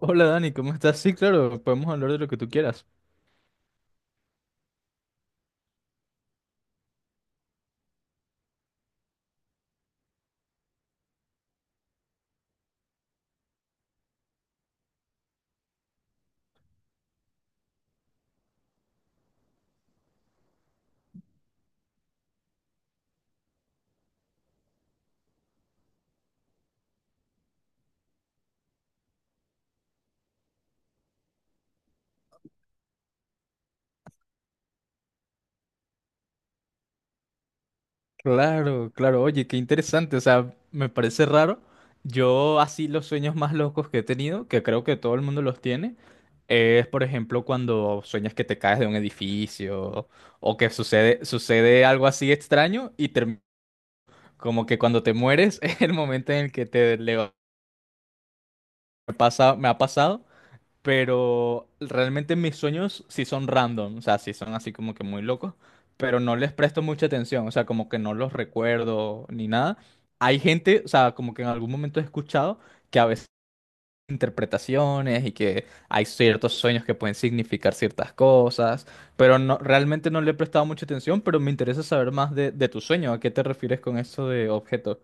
Hola Dani, ¿cómo estás? Sí, claro, podemos hablar de lo que tú quieras. Claro, claro, oye, qué interesante, o sea, me parece raro. Yo así los sueños más locos que he tenido, que creo que todo el mundo los tiene, es por ejemplo cuando sueñas que te caes de un edificio o que sucede algo así extraño y como que cuando te mueres es el momento en el que te le pasa, me ha pasado, pero realmente mis sueños sí son random, o sea, sí son así como que muy locos, pero no les presto mucha atención, o sea, como que no los recuerdo ni nada. Hay gente, o sea, como que en algún momento he escuchado que a veces interpretaciones y que hay ciertos sueños que pueden significar ciertas cosas, pero no, realmente no le he prestado mucha atención, pero me interesa saber más de tu sueño. ¿A qué te refieres con eso de objeto?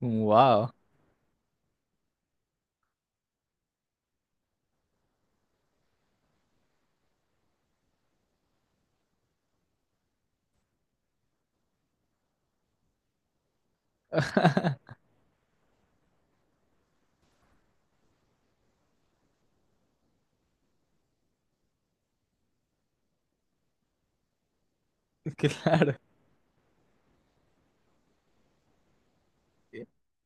Wow, claro.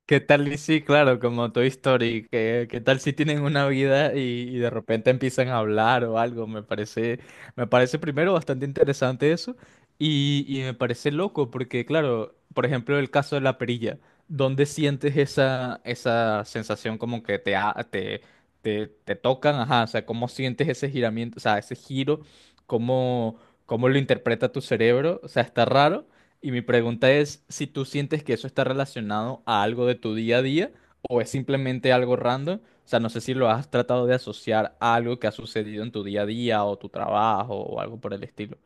¿Qué tal? Y sí, claro, como Toy Story. ¿Qué tal si tienen una vida y de repente empiezan a hablar o algo? Me parece primero bastante interesante eso y me parece loco porque, claro, por ejemplo, el caso de la perilla. ¿Dónde sientes esa sensación como que te, te tocan? Ajá, o sea, ¿cómo sientes ese giramiento, o sea, ese giro? ¿Cómo, cómo lo interpreta tu cerebro? O sea, está raro. Y mi pregunta es si tú sientes que eso está relacionado a algo de tu día a día o es simplemente algo random. O sea, no sé si lo has tratado de asociar a algo que ha sucedido en tu día a día o tu trabajo o algo por el estilo.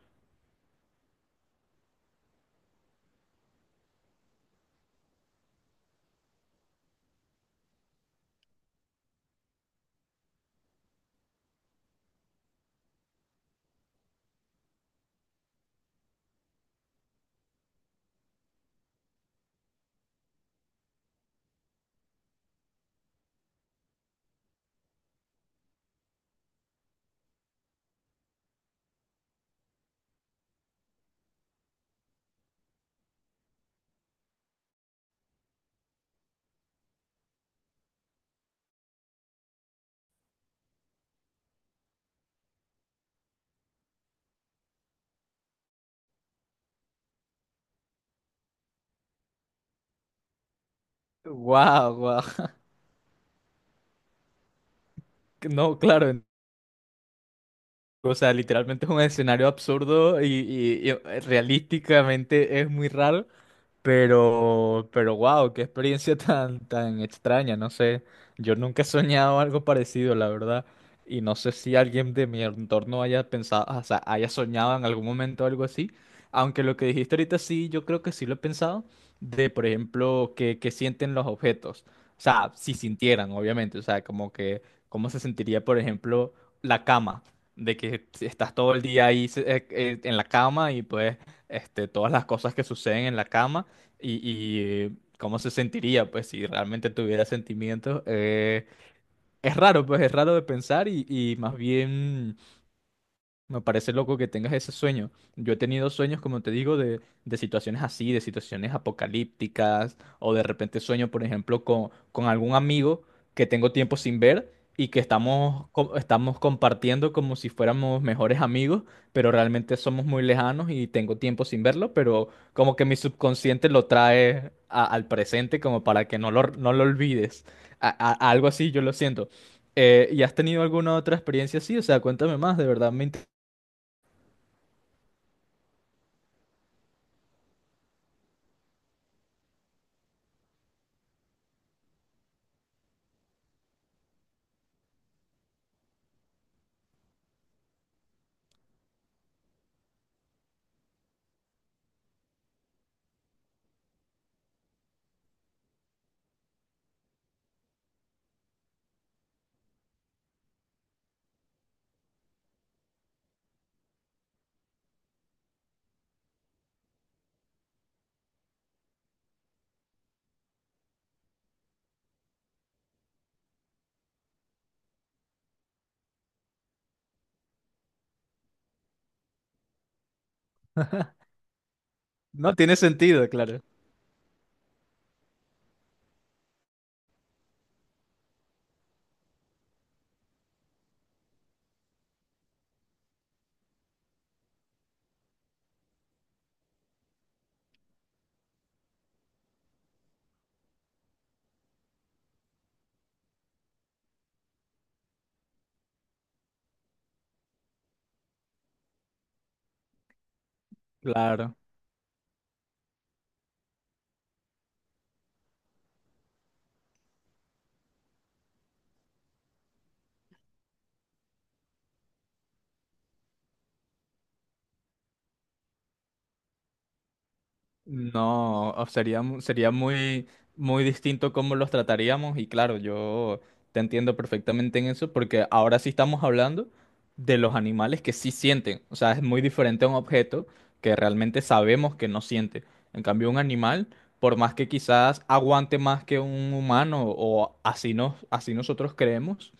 Wow, wow. No, claro. O sea, literalmente es un escenario absurdo y realísticamente es muy raro. Pero wow, qué experiencia tan, tan extraña, no sé. Yo nunca he soñado algo parecido, la verdad. Y no sé si alguien de mi entorno haya pensado, o sea, haya soñado en algún momento algo así. Aunque lo que dijiste ahorita sí, yo creo que sí lo he pensado. De, por ejemplo, que sienten los objetos. O sea, si sintieran, obviamente. O sea, como que, cómo se sentiría, por ejemplo, la cama. De que si estás todo el día ahí en la cama y pues este, todas las cosas que suceden en la cama. Y, cómo se sentiría, pues, si realmente tuviera sentimientos. Es raro, pues, es raro de pensar y más bien me parece loco que tengas ese sueño. Yo he tenido sueños, como te digo, de situaciones así, de situaciones apocalípticas, o de repente sueño, por ejemplo, con algún amigo que tengo tiempo sin ver y que estamos, estamos compartiendo como si fuéramos mejores amigos, pero realmente somos muy lejanos y tengo tiempo sin verlo, pero como que mi subconsciente lo trae al presente como para que no lo, no lo olvides. Algo así, yo lo siento. ¿Y has tenido alguna otra experiencia así? O sea, cuéntame más, de verdad me interesa. No tiene sentido, claro. Claro. No, o sería, sería muy, muy distinto cómo los trataríamos y claro, yo te entiendo perfectamente en eso porque ahora sí estamos hablando de los animales que sí sienten. O sea, es muy diferente a un objeto que realmente sabemos que no siente. En cambio, un animal, por más que quizás aguante más que un humano o así, así nosotros creemos.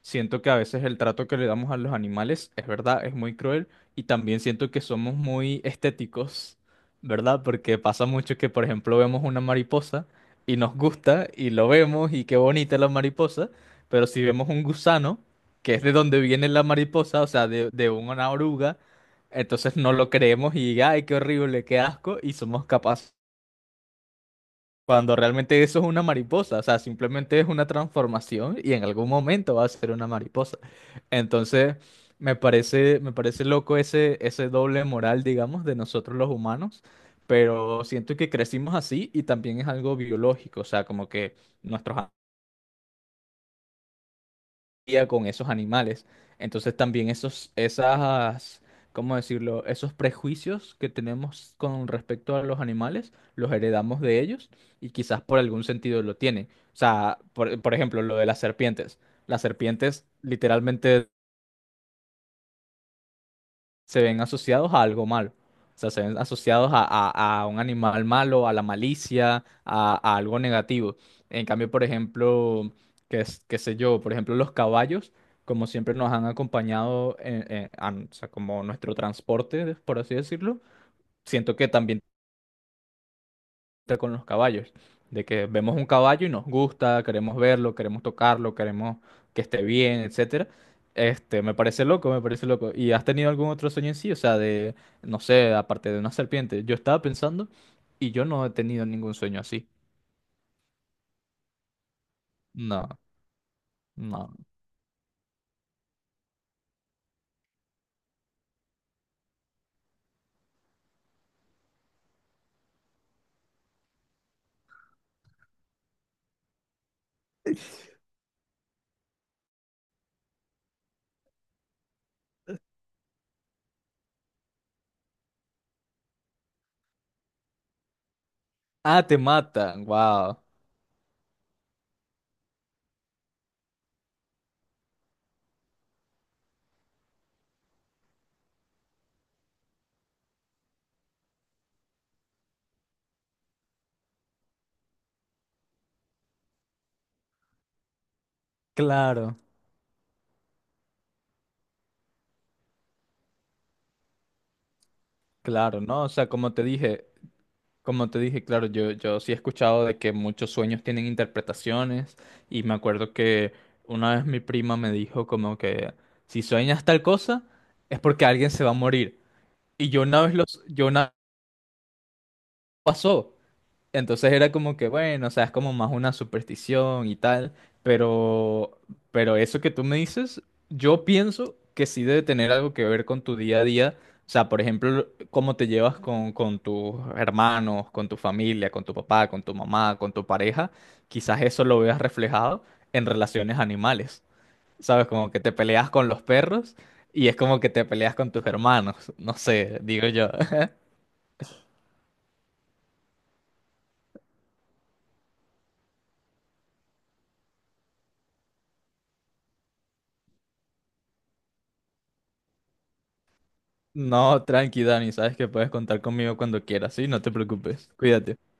Siento que a veces el trato que le damos a los animales es verdad, es muy cruel y también siento que somos muy estéticos, ¿verdad? Porque pasa mucho que, por ejemplo, vemos una mariposa y nos gusta y lo vemos y qué bonita la mariposa, pero si vemos un gusano, que es de donde viene la mariposa, o sea, de una oruga, entonces no lo creemos y, ay, qué horrible, qué asco, y somos capaces. Cuando realmente eso es una mariposa, o sea, simplemente es una transformación y en algún momento va a ser una mariposa. Entonces, me parece loco ese, ese doble moral, digamos, de nosotros los humanos, pero siento que crecimos así y también es algo biológico, o sea, como que nuestros día con esos animales. Entonces también ¿cómo decirlo? Esos prejuicios que tenemos con respecto a los animales, los heredamos de ellos y quizás por algún sentido lo tienen. O sea, por ejemplo, lo de las serpientes. Las serpientes literalmente se ven asociados a algo malo. O sea, se ven asociados a un animal malo, a la malicia, a algo negativo. En cambio, por ejemplo, qué sé yo, por ejemplo, los caballos, como siempre nos han acompañado o sea, como nuestro transporte, por así decirlo, siento que también con los caballos, de que vemos un caballo y nos gusta, queremos verlo, queremos tocarlo, queremos que esté bien, etcétera. Este, me parece loco, me parece loco. ¿Y has tenido algún otro sueño en sí? O sea, de, no sé, aparte de una serpiente. Yo estaba pensando y yo no he tenido ningún sueño así. No, no. Ah, te matan, wow. Claro, claro, ¿no? O sea, como te dije. Como te dije, claro, yo sí he escuchado de que muchos sueños tienen interpretaciones y me acuerdo que una vez mi prima me dijo como que si sueñas tal cosa es porque alguien se va a morir. Y yo una vez los, yo una pasó. Entonces era como que, bueno, o sea, es como más una superstición y tal, pero, pero eso que tú me dices, yo pienso que sí debe tener algo que ver con tu día a día. O sea, por ejemplo, cómo te llevas con tus hermanos, con tu familia, con tu papá, con tu mamá, con tu pareja. Quizás eso lo veas reflejado en relaciones animales. ¿Sabes? Como que te peleas con los perros y es como que te peleas con tus hermanos. No sé, digo yo. No, tranqui, Dani, sabes que puedes contar conmigo cuando quieras, ¿sí? No te preocupes. Cuídate.